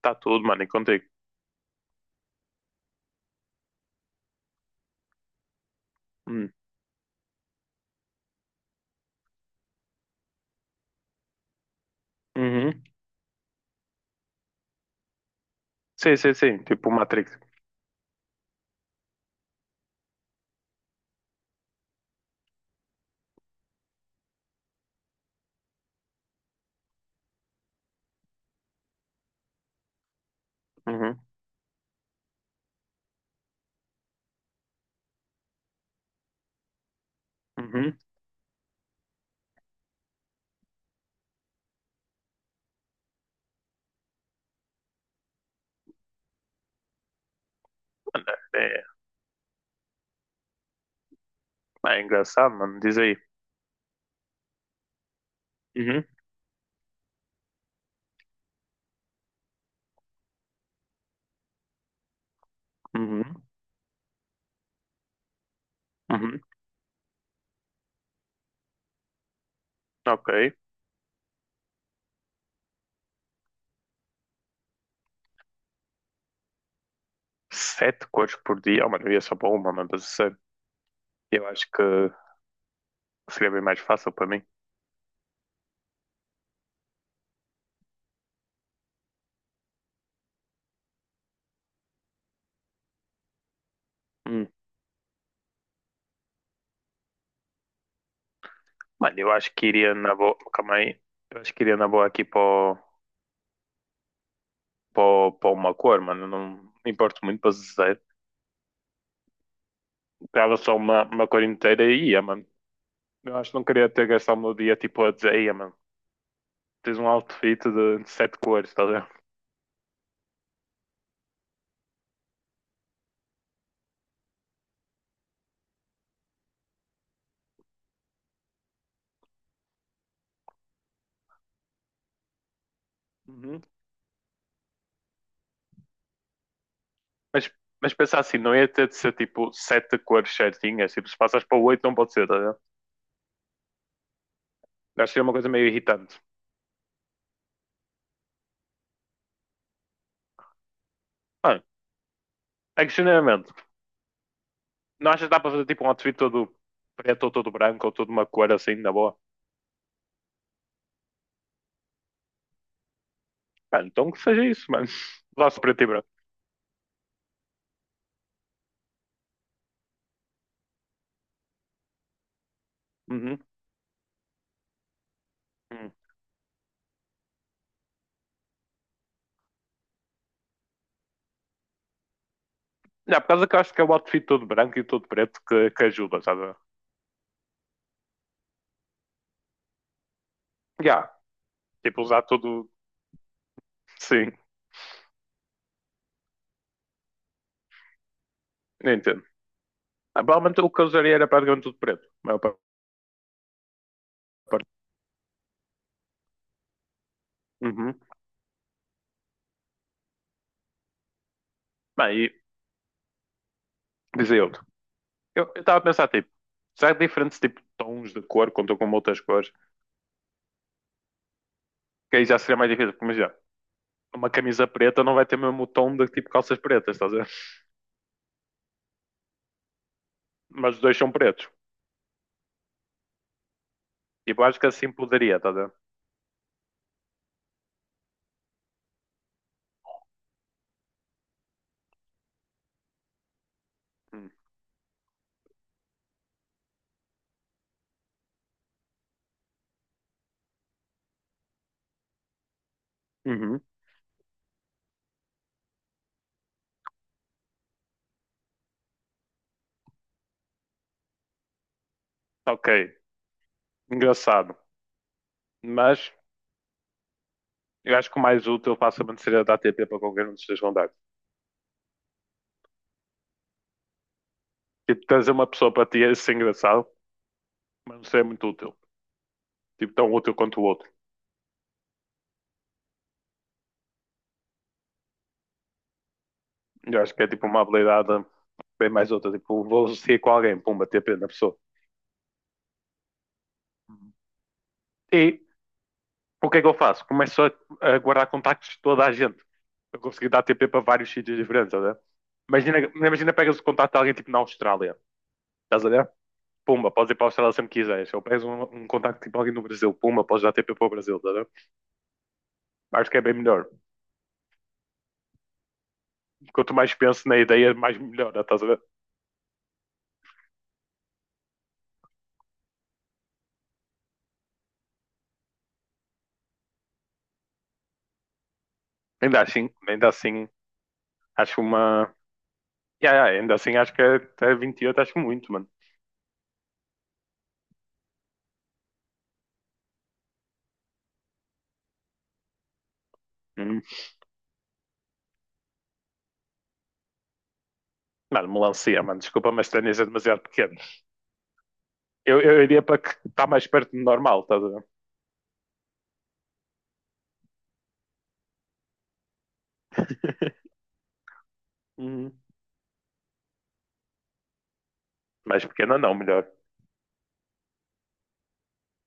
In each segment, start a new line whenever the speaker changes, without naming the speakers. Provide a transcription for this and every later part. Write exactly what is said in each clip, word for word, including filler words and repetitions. Tá tudo, mano, encontrei. Hum. Uhum. Sim, sim, sim. Tipo Matrix. Uhum. Uhum. Mano, É, é é engraçado, mano. Diz aí. Uhum. Uhum. Uhum. Ok. Sete cores por dia. Oh, mano, eu ia só para uma, mano. Mas sério, eu acho que seria bem mais fácil para mim. Hum. Mano, eu acho que iria na boa. Calma aí. Eu acho que iria na boa aqui para para uma cor, mano. Não me importo muito para dizer. Pegava só uma, uma cor inteira e ia, mano. Eu acho que não queria ter gastado o meu dia tipo a dizer, ia, mano. Tens um outfit de, de sete cores, estás a ver? Uhum. Mas, mas pensa assim, não ia ter de ser tipo sete cores certinhas, tipo, se passas para oito não pode ser, estás a ver? Acho que é uma coisa meio irritante. Mano, é que genuinamente, não achas que dá para fazer tipo um outfit todo preto ou todo branco ou toda uma cor assim, na boa? Mano, então que seja isso, mano. Lá-se preto e branco. Uhum. Já, por causa que eu acho que é o outfit todo branco e todo preto que, que ajuda, sabe? Já, tipo, usar tudo. Sim, entendo. Ah, provavelmente o que eu usaria era praticamente tudo preto. A maior. Uhum. Bem, e dizer outro. Eu estava a pensar, tipo, será que diferentes tipo, tons de cor contam com outras cores? Que aí já seria mais difícil, porque imagina, uma camisa preta não vai ter mesmo o tom de tipo calças pretas, estás a ver? Mas os dois são pretos. Tipo, acho que assim poderia, estás a ver? Hum. Uhum. Ok, engraçado. Mas eu acho que o mais útil facilmente seria dar T P para qualquer um dos teus contactos. Tipo, trazer uma pessoa para ti é ser engraçado, mas não seria muito útil. Tipo, tão útil quanto o outro. Eu acho que é tipo uma habilidade bem mais outra. Tipo, vou associar com alguém, pumba, T P na pessoa. E o que é que eu faço? Começo a, a guardar contactos de toda a gente. Eu consegui dar T P para vários sítios diferentes, estás. Imagina, imagina pegas o contacto de alguém tipo na Austrália, estás a ver? Pumba, podes ir para a Austrália sempre que quiseres. Ou pegas um, um contacto tipo alguém no Brasil, pumba, podes dar T P para o Brasil, estás a ver? Acho que é bem melhor. Quanto mais penso na ideia, mais melhora, estás a ver? Ainda assim, ainda assim, acho uma. Yeah, yeah, ainda assim, acho que até vinte e oito, acho muito, mano. Hum. Mano, melancia, mano, desculpa, mas tênis é demasiado pequeno. Eu, eu iria para que está mais perto do normal, estás a ver? Uhum. Mais pequena não, melhor.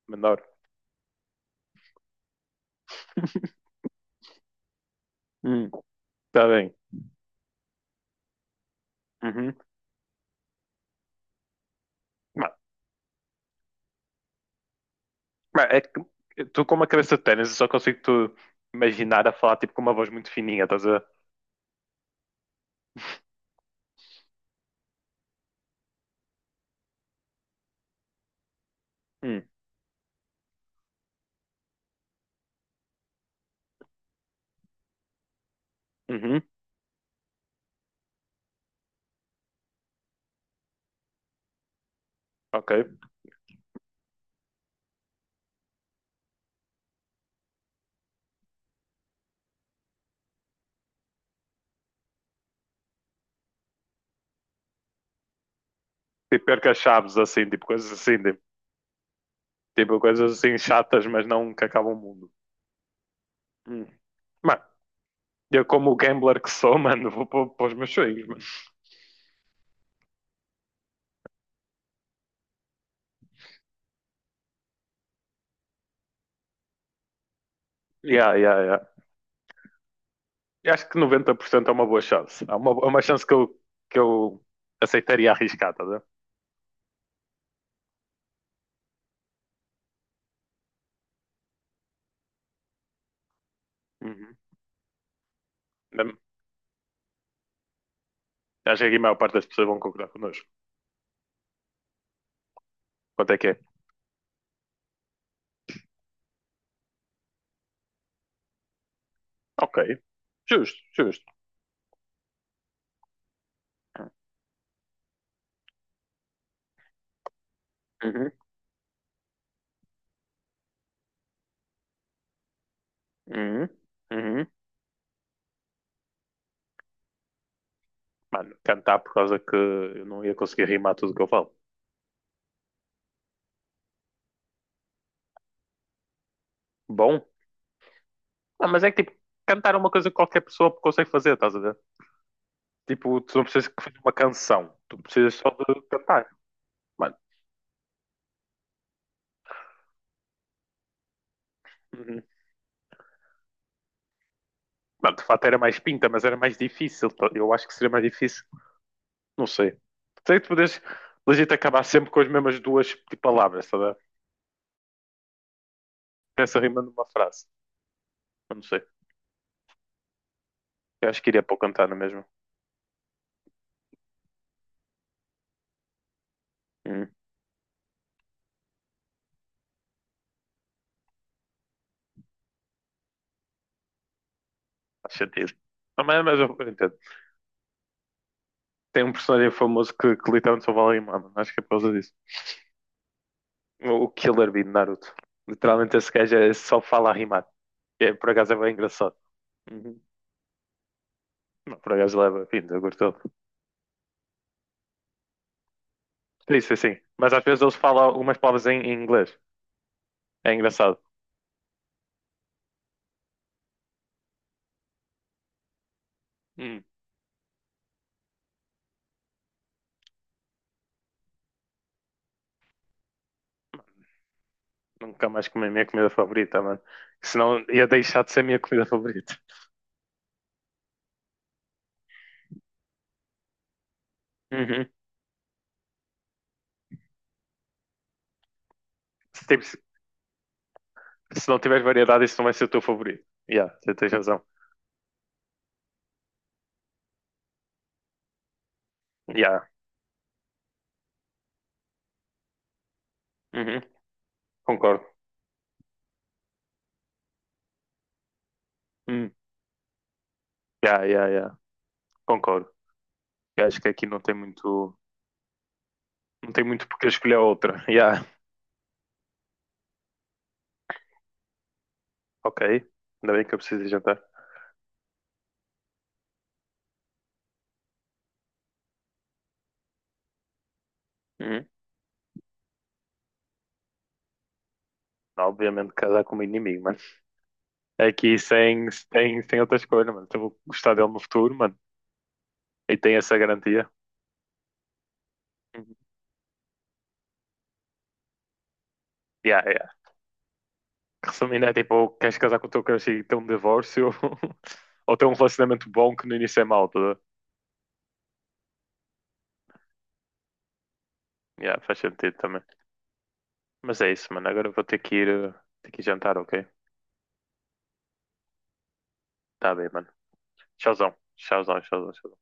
Menor. Hum. Está bem. Uhum. Mas, mas é que tu com uma cabeça de ténis, eu só consigo tu imaginar a falar tipo com uma voz muito fininha, estás a ver? Uhum. Uhum. Ok. Tipo arca-chaves, assim, tipo coisas assim, tipo, tipo, coisas assim chatas, mas não que acabam o mundo. Hum. Mano, eu como o gambler que sou, mano, vou para os meus sonhos, mano. Yeah, yeah, yeah. Eu acho que noventa por cento é uma boa chance. É uma, é uma chance que eu, que eu aceitaria arriscar, tá a ver? Uhum. Mesmo- Acho que aqui a maior parte das pessoas vão concordar connosco. Quanto é que é? Ok. Justo, justo. Uhum. Uhum. Uhum. Mano, cantar por causa que eu não ia conseguir rimar tudo o que eu falo. Bom? Ah, mas é que tipo, cantar é uma coisa que qualquer pessoa consegue fazer, estás a ver? Tipo, tu não precisas que fazer uma canção, tu precisas só de cantar. Mano, uhum. Mano, de fato era mais pinta, mas era mais difícil. Tá? Eu acho que seria mais difícil. Não sei. Sei que tu podes legit acabar sempre com as mesmas duas tipo, palavras, sabe? Essa rima numa frase. Eu não sei. Eu acho que iria para o Cantano mesmo. Hum, faz sentido. Não, mas, mas eu entendo. Tem um personagem famoso que, que literalmente só fala rimando. Acho que é por causa disso. O o Killer Bee de Naruto. Literalmente esse gajo é- só fala a rimar. É, por acaso é bem engraçado. Uhum. Não, por acaso leva vindo, eu gosto dele. Isso, sim. Sim. Mas às vezes eles falam umas palavras em, em inglês. É engraçado. Hum. Nunca mais comi a minha comida favorita, mano. Senão ia deixar de ser a minha comida favorita. Uhum. Se, tipo, se- se não tiver variedade, isso não vai ser o teu favorito. Yeah, você tens razão. Yeah. Uhum. Concordo. Hum. Yeah, yeah, yeah. Concordo. Eu acho que aqui não tem muito. Não tem muito porque eu escolher outra. Yeah. Ok. Ainda bem que eu preciso de jantar. Uhum. Obviamente casar com o meu inimigo, mano. Aqui sem, sem, sem outra escolha, mano. Então eu vou gostar dele no futuro, mano. E tem essa garantia. Uhum. Yeah, resumindo, é tipo, queres casar com o teu crush e ter um divórcio ou ter um relacionamento bom que no início é mau, tá? Yeah, faz sentido também. Mas é isso, mano. Agora eu vou ter que ir, eh, ter que ir jantar, ok? Tá bem, mano. Tchauzão, tchauzão, tchauzão. Tchauzão.